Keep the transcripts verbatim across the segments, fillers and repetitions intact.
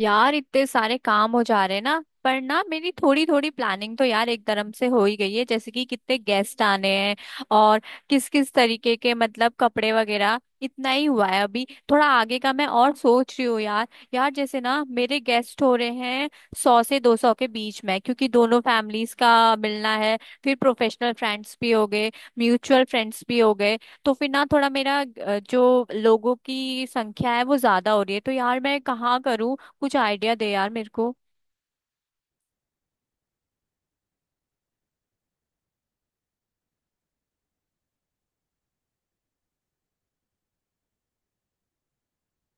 यार इतने सारे काम हो जा रहे हैं ना, पर ना मेरी थोड़ी थोड़ी प्लानिंग तो यार एक धर्म से हो ही गई है। जैसे कि कितने गेस्ट आने हैं और किस किस तरीके के, मतलब कपड़े वगैरह, इतना ही हुआ है अभी। थोड़ा आगे का मैं और सोच रही हूँ यार। यार जैसे ना मेरे गेस्ट हो रहे हैं सौ से दो सौ के बीच में, क्योंकि दोनों फैमिलीज का मिलना है। फिर प्रोफेशनल फ्रेंड्स भी हो गए, म्यूचुअल फ्रेंड्स भी हो गए। तो फिर ना थोड़ा मेरा अ, जो लोगों की संख्या है वो ज्यादा हो रही है, तो यार मैं कहाँ करूँ? कुछ आइडिया दे यार मेरे को।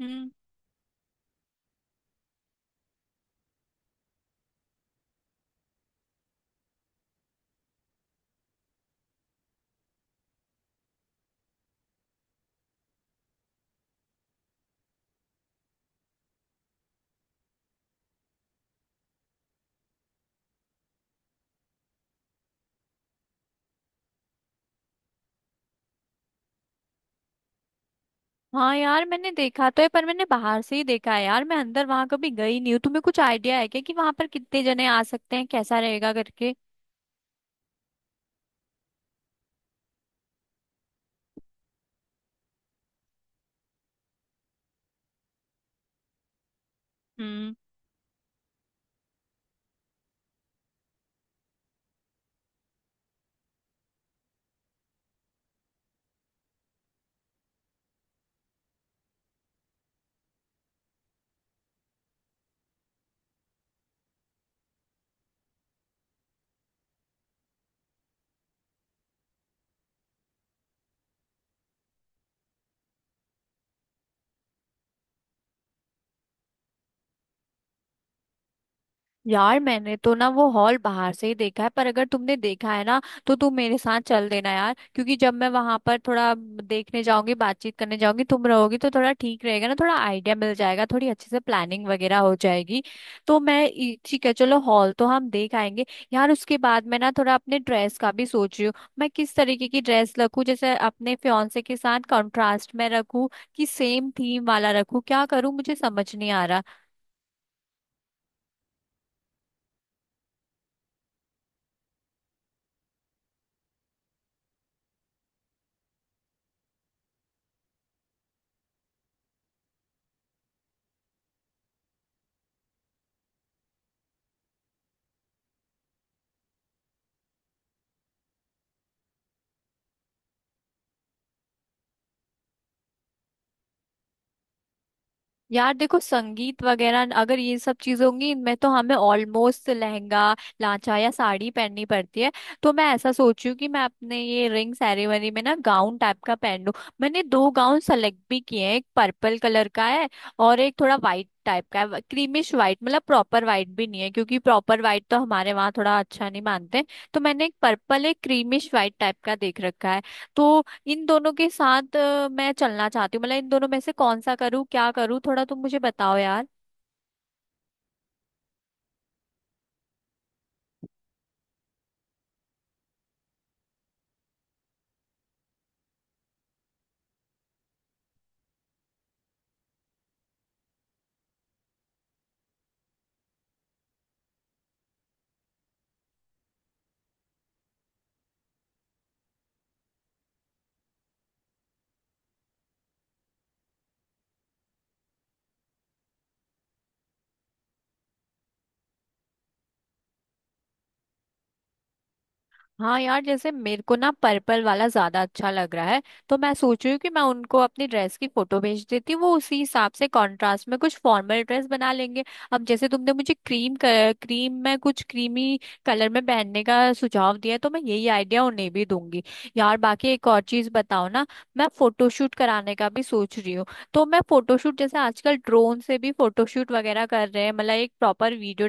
हम्म। हाँ यार, मैंने देखा तो है, पर मैंने बाहर से ही देखा है यार। मैं अंदर वहां कभी गई नहीं हूँ। तुम्हें कुछ आइडिया है क्या कि वहां पर कितने जने आ सकते हैं, कैसा रहेगा करके? यार मैंने तो ना वो हॉल बाहर से ही देखा है, पर अगर तुमने देखा है ना तो तुम मेरे साथ चल देना यार। क्योंकि जब मैं वहां पर थोड़ा देखने जाऊंगी, बातचीत करने जाऊंगी, तुम रहोगी तो थोड़ा ठीक रहेगा ना। थोड़ा आइडिया मिल जाएगा, थोड़ी अच्छे से प्लानिंग वगैरह हो जाएगी। तो मैं ई- ठीक है, चलो हॉल तो हम देख आएंगे। यार उसके बाद मैं ना थोड़ा अपने ड्रेस का भी सोच रही हूँ। मैं किस तरीके की ड्रेस रखूँ? जैसे अपने फियांसे के साथ कॉन्ट्रास्ट में रखूँ कि सेम थीम वाला रखूँ? क्या करूँ, मुझे समझ नहीं आ रहा। यार देखो, संगीत वगैरह अगर ये सब चीजें होंगी इनमें तो हमें ऑलमोस्ट लहंगा लांचा या साड़ी पहननी पड़ती है। तो मैं ऐसा सोच रही हूँ कि मैं अपने ये रिंग सेरेमनी में ना गाउन टाइप का पहन लूँ। मैंने दो गाउन सेलेक्ट भी किए हैं। एक पर्पल कलर का है और एक थोड़ा वाइट टाइप का है, क्रीमिश वाइट। मतलब प्रॉपर वाइट भी नहीं है, क्योंकि प्रॉपर वाइट तो हमारे वहाँ थोड़ा अच्छा नहीं मानते। तो मैंने एक पर्पल, एक क्रीमिश वाइट टाइप का देख रखा है। तो इन दोनों के साथ अ, मैं चलना चाहती हूँ। मतलब इन दोनों में से कौन सा करूँ, क्या करूँ, थोड़ा तुम मुझे बताओ। हाँ यार, जैसे मेरे को ना पर्पल वाला ज्यादा अच्छा लग रहा है। तो मैं सोच रही हूँ कि मैं उनको अपनी ड्रेस की फोटो भेज देती हूँ। वो उसी हिसाब से कंट्रास्ट में कुछ फॉर्मल ड्रेस बना लेंगे। अब जैसे तुमने मुझे क्रीम कर, क्रीम में कुछ क्रीमी कलर में पहनने का सुझाव दिया है, तो मैं यही आइडिया उन्हें भी दूंगी। यार बाकी एक और चीज बताओ ना। मैं फोटोशूट कराने का भी सोच रही हूँ। तो मैं फोटोशूट जैसे आजकल ड्रोन से भी फोटोशूट वगैरह कर रहे हैं, मतलब एक प्रॉपर वीडियो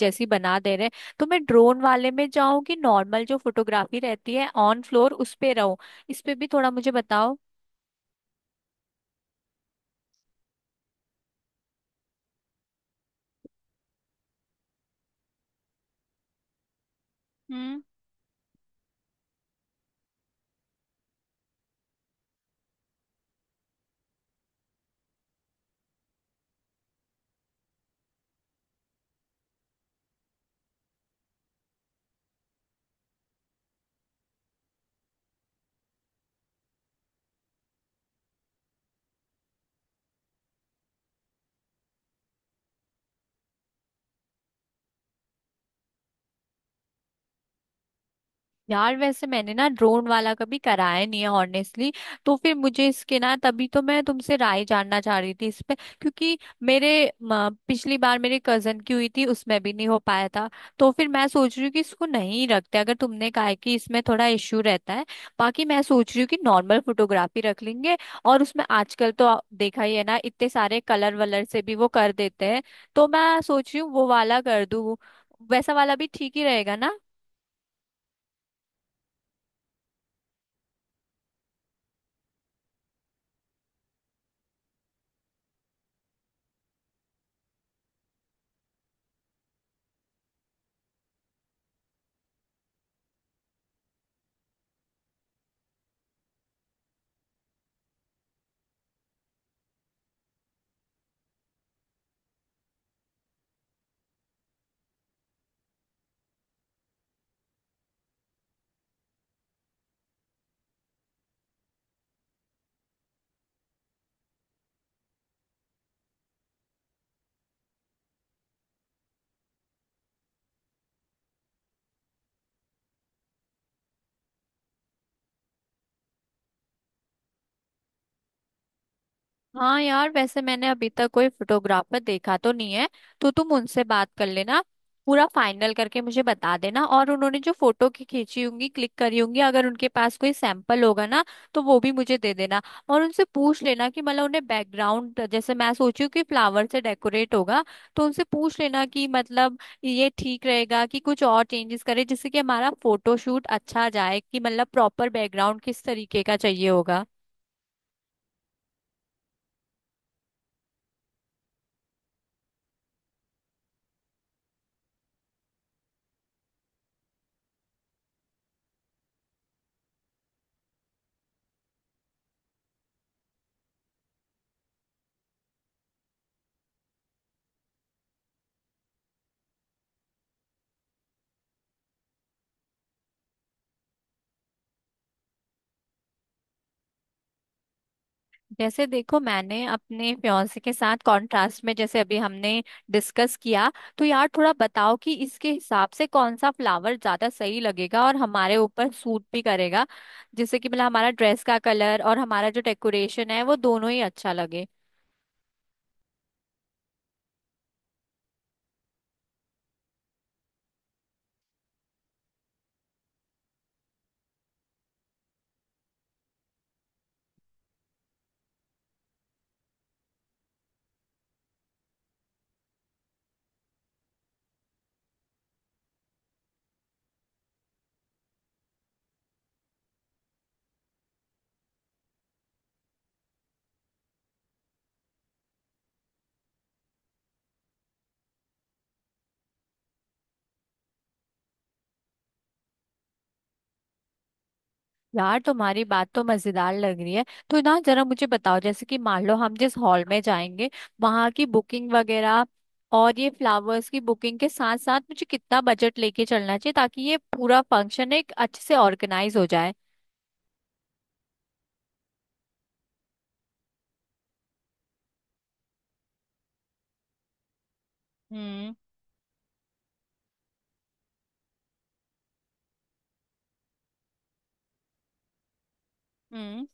जैसी बना दे रहे हैं। तो मैं ड्रोन वाले में जाऊं कि नॉर्मल जो फोटोग्राफी रहती है ऑन फ्लोर, उस पे रहूं? इस पे भी थोड़ा मुझे बताओ। यार वैसे मैंने ना ड्रोन वाला कभी कराया नहीं है ऑनेस्टली। तो फिर मुझे इसके ना, तभी तो मैं तुमसे राय जानना चाह रही थी इस पे। क्योंकि मेरे म, पिछली बार मेरे कजन की हुई थी, उसमें भी नहीं हो पाया था। तो फिर मैं सोच रही हूँ कि इसको नहीं रखते, अगर तुमने कहा है कि इसमें थोड़ा इश्यू रहता है। बाकी मैं सोच रही हूँ कि नॉर्मल फोटोग्राफी रख लेंगे। और उसमें आजकल तो आ- देखा ही है ना, इतने सारे कलर वलर से भी वो कर देते हैं। तो मैं सोच रही हूँ वो वाला कर दूँ। वैसा वाला भी ठीक ही रहेगा ना। हाँ यार, वैसे मैंने अभी तक कोई फोटोग्राफर देखा तो नहीं है। तो तुम उनसे बात कर लेना, पूरा फाइनल करके मुझे बता देना। और उन्होंने जो फोटो की खींची होंगी, क्लिक करी होंगी, अगर उनके पास कोई सैंपल होगा ना तो वो भी मुझे दे देना। और उनसे पूछ लेना कि मतलब उन्हें बैकग्राउंड, जैसे मैं सोची हूँ कि फ्लावर से डेकोरेट होगा, तो उनसे पूछ लेना कि मतलब ये ठीक रहेगा कि कुछ और चेंजेस करें, जिससे कि हमारा फोटोशूट अच्छा जाए। कि मतलब प्रॉपर बैकग्राउंड किस तरीके का चाहिए होगा। जैसे देखो, मैंने अपने फ्योंसे के साथ कॉन्ट्रास्ट में जैसे अभी हमने डिस्कस किया, तो यार थोड़ा बताओ कि इसके हिसाब से कौन सा फ्लावर ज्यादा सही लगेगा और हमारे ऊपर सूट भी करेगा। जिससे कि मतलब हमारा ड्रेस का कलर और हमारा जो डेकोरेशन है, वो दोनों ही अच्छा लगे। यार तुम्हारी बात तो मजेदार लग रही है। तो ना जरा मुझे बताओ, जैसे कि मान लो हम जिस हॉल में जाएंगे वहां की बुकिंग वगैरह और ये फ्लावर्स की बुकिंग के साथ साथ मुझे कितना बजट लेके चलना चाहिए, ताकि ये पूरा फंक्शन एक अच्छे से ऑर्गेनाइज हो जाए। हम्म। हम्म।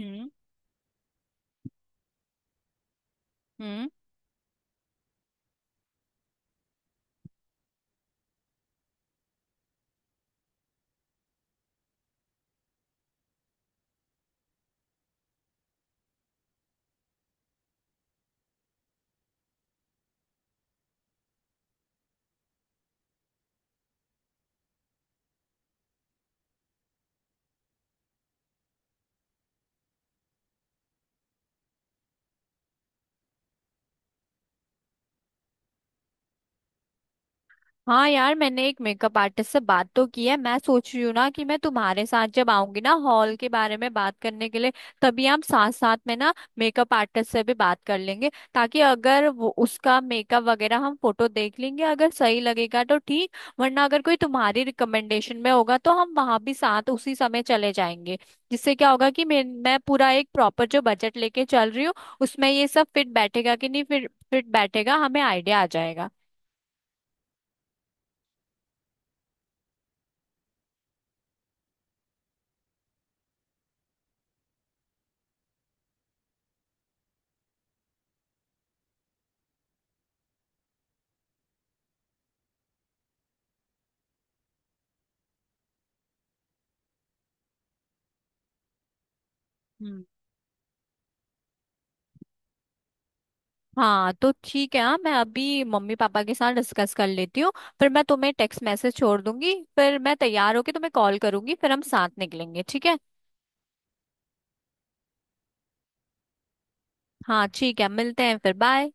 हम्म। हम्म। हाँ यार, मैंने एक मेकअप आर्टिस्ट से बात तो की है। मैं सोच रही हूँ ना कि मैं तुम्हारे साथ जब आऊंगी ना हॉल के बारे में बात करने के लिए, तभी हम साथ साथ में ना मेकअप आर्टिस्ट से भी बात कर लेंगे। ताकि अगर वो उसका मेकअप वगैरह हम फोटो देख लेंगे, अगर सही लगेगा तो ठीक, वरना अगर कोई तुम्हारी रिकमेंडेशन में होगा तो हम वहां भी साथ उसी समय चले जाएंगे। जिससे क्या होगा कि मैं मैं पूरा एक प्रॉपर जो बजट लेके चल रही हूँ, उसमें ये सब फिट बैठेगा कि नहीं, फिर फिट बैठेगा, हमें आइडिया आ जाएगा। हाँ तो ठीक है। हाँ मैं अभी मम्मी पापा के साथ डिस्कस कर लेती हूँ। फिर मैं तुम्हें टेक्स्ट मैसेज छोड़ दूंगी, फिर मैं तैयार होके तुम्हें कॉल करूंगी, फिर हम साथ निकलेंगे, ठीक है। हाँ ठीक है, मिलते हैं फिर, बाय।